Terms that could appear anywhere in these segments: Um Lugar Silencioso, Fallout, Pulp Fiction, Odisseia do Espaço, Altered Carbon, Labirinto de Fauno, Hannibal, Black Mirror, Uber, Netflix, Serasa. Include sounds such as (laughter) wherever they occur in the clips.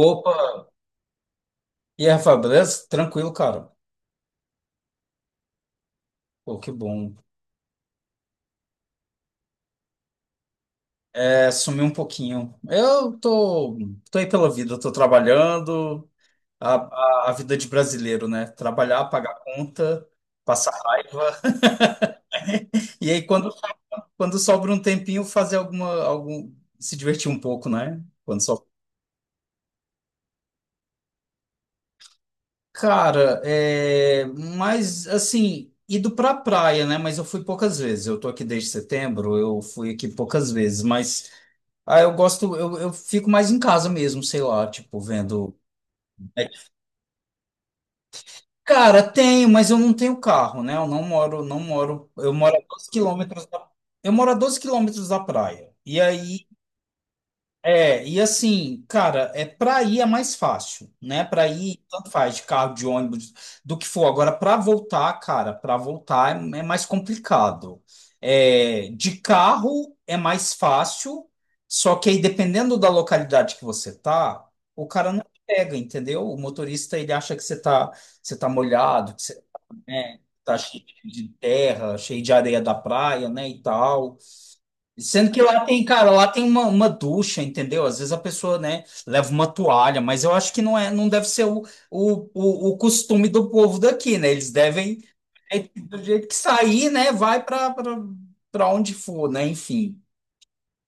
Opa! E aí, Rafael, beleza? Tranquilo, cara. Pô, que bom. É, sumi um pouquinho. Eu tô aí pela vida, eu tô trabalhando, a, a vida de brasileiro, né? Trabalhar, pagar conta, passar raiva. (laughs) E aí, quando sobra um tempinho, se divertir um pouco, né? Quando sobra. Cara, é, mas assim, ido pra praia, né? Mas eu fui poucas vezes. Eu tô aqui desde setembro, eu fui aqui poucas vezes, mas. Ah, eu gosto, eu fico mais em casa mesmo, sei lá, tipo, vendo. Cara, tenho, mas eu não tenho carro, né? Eu não moro, não moro. Eu moro a 12 quilômetros da praia. E aí é, e assim, cara, é para ir é mais fácil, né? Para ir, tanto faz, de carro, de ônibus, do que for. Agora, para voltar, cara, para voltar é mais complicado. É, de carro é mais fácil, só que aí dependendo da localidade que você tá, o cara não pega, entendeu? O motorista ele acha que você tá molhado, que você, né, tá cheio de terra, cheio de areia da praia, né, e tal. Sendo que lá tem, cara, lá tem uma ducha, entendeu? Às vezes a pessoa, né, leva uma toalha, mas eu acho que não é, não deve ser o costume do povo daqui, né? Eles devem, é, do jeito que sair, né, vai para onde for, né? Enfim.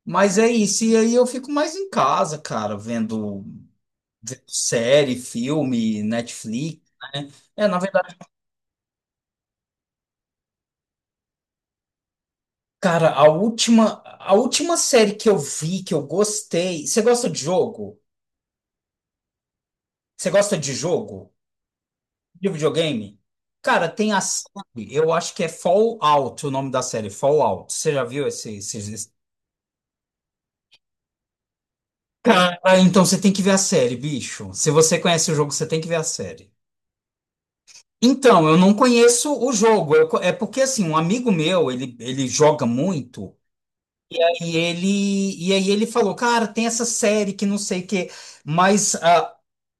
Mas é isso, e aí eu fico mais em casa, cara, vendo série, filme, Netflix, né? É, na verdade, cara, a última série que eu vi, que eu gostei. Você gosta de jogo? Você gosta de jogo? De videogame? Cara, tem a série, eu acho que é Fallout o nome da série, Fallout. Você já viu esse, esses- esse- Cara, então você tem que ver a série, bicho. Se você conhece o jogo, você tem que ver a série. Então, eu não conheço o jogo. É porque, assim, um amigo meu, ele joga muito. E ele, e aí ele falou, cara, tem essa série que não sei o quê. Mas ah,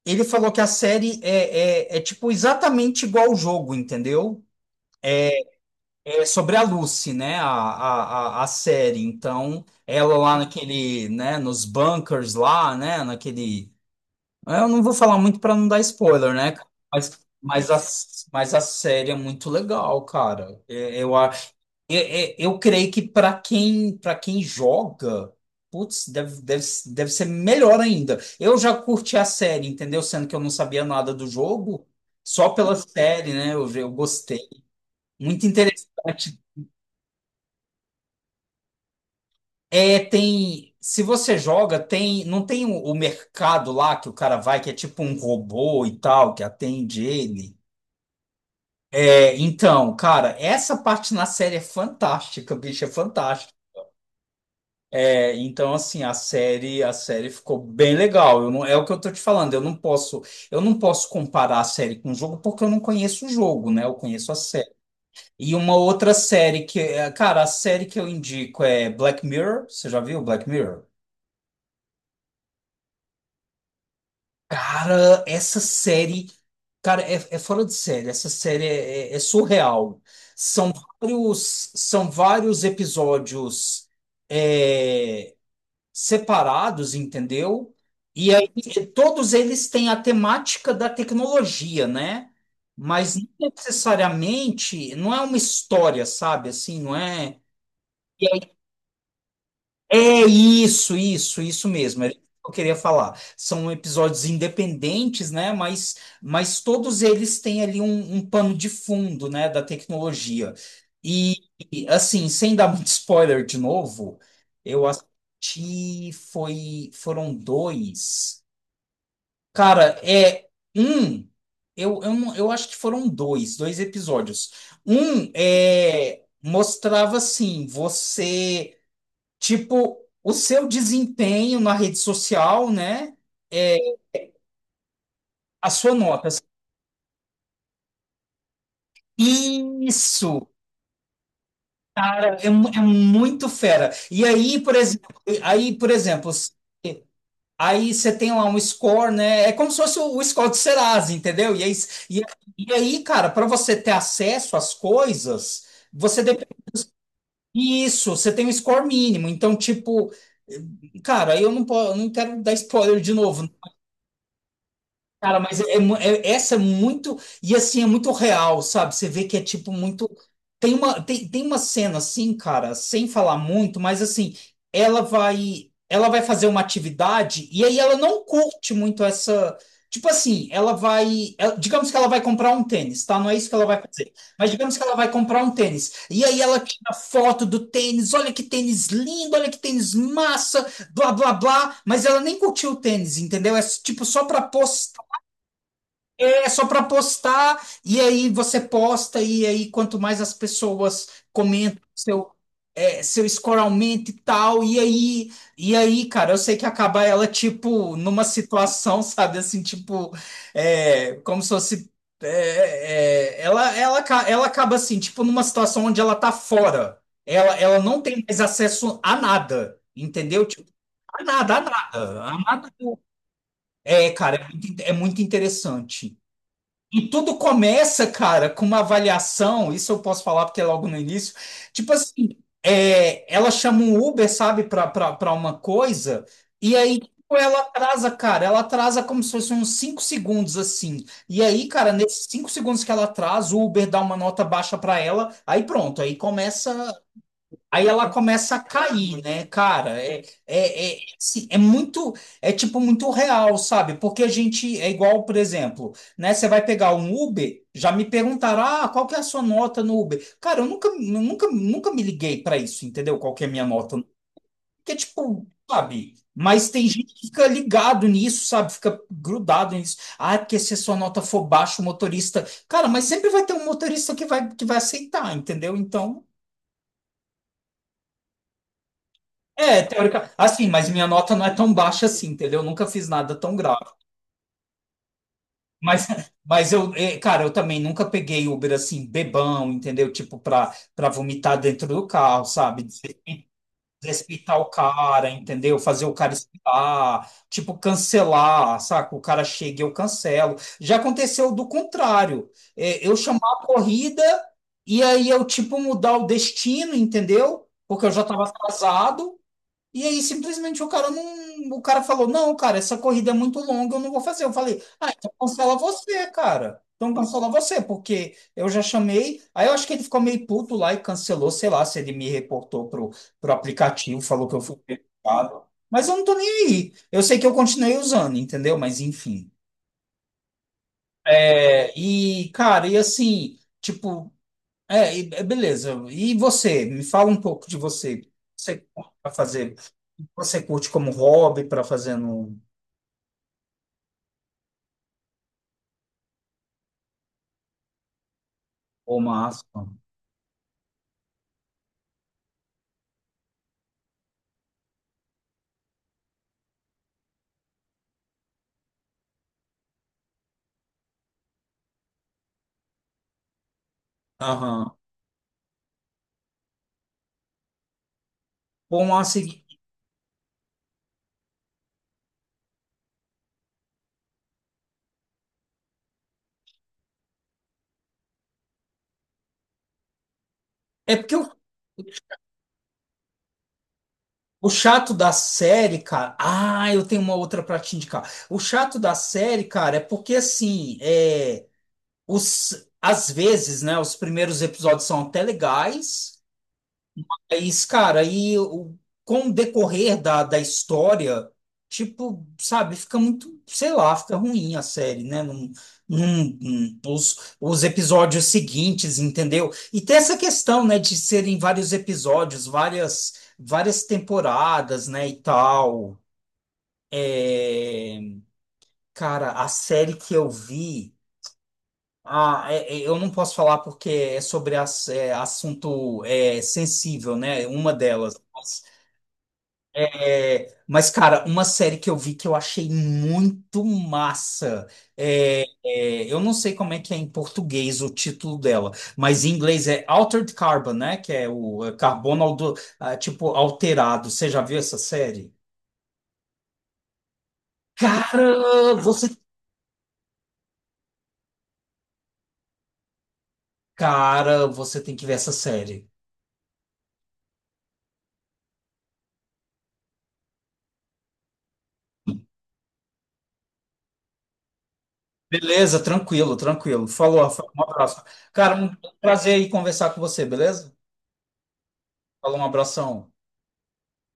ele falou que a série é tipo, exatamente igual ao jogo, entendeu? É sobre a Lucy, né? A série. Então, ela lá naquele, né? Nos bunkers lá, né? Naquele. Eu não vou falar muito para não dar spoiler, né, cara? Mas, mas, a, mas a série é muito legal, cara. É, Eu, a- é- é- eu, creio que para quem joga, putz, deve ser melhor ainda. Eu já curti a série, entendeu? Sendo que eu não sabia nada do jogo, só pela série, né? Eu gostei. Muito interessante. É, tem. Se você joga, tem. Não tem o mercado lá que o cara vai, que é tipo um robô e tal, que atende ele. É, então, cara, essa parte na série é fantástica, bicho, é fantástico. É, então, assim, a série ficou bem legal. Eu não, é o que eu tô te falando. Eu não posso comparar a série com o jogo porque eu não conheço o jogo, né? Eu conheço a série. E uma outra série que, é, cara, a série que eu indico é Black Mirror. Você já viu Black Mirror? Cara, essa série, cara, é fora de série. Essa série é surreal. São são vários episódios, é, separados, entendeu? E aí todos eles têm a temática da tecnologia, né? Mas não necessariamente, não é uma história, sabe? Assim, não é. É isso, isso, isso mesmo. Era isso que eu queria falar. São episódios independentes, né? Mas todos eles têm ali um pano de fundo, né? Da tecnologia. E, e assim, sem dar muito spoiler de novo, eu assisti, foi, foram dois. Cara, é um. Eu, não- eu acho que foram dois episódios. Um é, mostrava assim, você. Tipo, o seu desempenho na rede social, né? É a sua nota. Isso, cara, é muito fera. E aí, por exemplo, aí, por exemplo, se- aí você tem lá um score, né? É como se fosse o score do Serasa, entendeu? E, e aí, cara, para você ter acesso às coisas, você depende, isso, você tem um score mínimo. Então, tipo, cara, aí eu não, po- eu não quero dar spoiler de novo. Cara, essa é muito. E assim, é muito real, sabe? Você vê que é tipo muito. Tem uma cena assim, cara, sem falar muito, mas assim, Ela vai fazer uma atividade e aí ela não curte muito essa. Tipo assim, digamos que ela vai comprar um tênis, tá? Não é isso que ela vai fazer. Mas digamos que ela vai comprar um tênis. E aí ela tira foto do tênis, olha que tênis lindo, olha que tênis massa, blá blá blá, mas ela nem curtiu o tênis, entendeu? É tipo só para, é só para postar, e aí você posta, e aí quanto mais as pessoas comentam seu score aumenta e tal. E aí, cara, eu sei que acaba ela, tipo, numa situação, (laughs) sabe, assim, tipo, é, como se fosse, ela acaba assim, tipo, numa situação onde ela tá fora. Ela não tem mais acesso a nada, entendeu? Tipo, a nada, a nada, a nada. É, cara, é muito interessante. E tudo começa, cara, com uma avaliação. Isso eu posso falar porque é logo no início. Tipo assim, é, ela chama um Uber, sabe, pra uma coisa, e aí tipo, ela atrasa, cara. Ela atrasa como se fosse uns 5 segundos, assim. E aí, cara, nesses 5 segundos que ela atrasa, o Uber dá uma nota baixa pra ela, aí pronto, aí começa. Aí ela começa a cair, né, cara? Assim, é muito, é tipo muito real, sabe? Porque a gente é igual, por exemplo, né? Você vai pegar um Uber, já me perguntaram, ah, qual que é a sua nota no Uber? Cara, eu nunca, nunca, nunca me liguei pra isso, entendeu? Qual que é a minha nota? Porque, tipo, sabe? Mas tem gente que fica ligado nisso, sabe? Fica grudado nisso. Ah, porque se a sua nota for baixa, o motorista. Cara, mas sempre vai ter um motorista que vai aceitar, entendeu? Então. É, teórica. Assim, mas minha nota não é tão baixa assim, entendeu? Eu nunca fiz nada tão grave. Mas (laughs) mas eu, cara, eu também nunca peguei Uber assim, bebão, entendeu? Tipo, pra vomitar dentro do carro, sabe? Desrespeitar o cara, entendeu? Fazer o cara esperar, tipo, cancelar, saca? O cara chega e eu cancelo. Já aconteceu do contrário. Eu chamar a corrida e aí eu, tipo, mudar o destino, entendeu? Porque eu já tava atrasado. E aí, simplesmente o cara não. O cara falou: não, cara, essa corrida é muito longa, eu não vou fazer. Eu falei: ah, então cancela você, cara. Então cancela você, porque eu já chamei. Aí eu acho que ele ficou meio puto lá e cancelou, sei lá, se ele me reportou pro, pro aplicativo, falou que eu fui prejudicado. Mas eu não tô nem aí. Eu sei que eu continuei usando, entendeu? Mas enfim. É, e, cara, e assim, tipo. É, e, é, beleza. E você? Me fala um pouco de você. Você para fazer? Você curte como hobby para fazer no... Pô, massa. Aham. Bom, massa. E- É porque o chato da série, cara. Ah, eu tenho uma outra pra te indicar. O chato da série, cara, é porque assim, é, os às vezes, né, os primeiros episódios são até legais. É isso, cara, aí o, com o decorrer da história, tipo, sabe, fica muito, sei lá, fica ruim a série, né? Os episódios seguintes, entendeu? E tem essa questão, né, de serem vários episódios, várias temporadas, né, e tal. É, cara, a série que eu vi. Eu não posso falar porque é sobre é, assunto é, sensível, né? Uma delas. É, mas, cara, uma série que eu vi que eu achei muito massa. Eu não sei como é que é em português o título dela, mas em inglês é Altered Carbon, né? Que é o é, carbono, ah, tipo, alterado. Você já viu essa série? Cara, você. Cara, você tem que ver essa série. Beleza, tranquilo, tranquilo. Falou, Rafael, um abraço. Cara, um prazer aí conversar com você, beleza? Falou, um abração.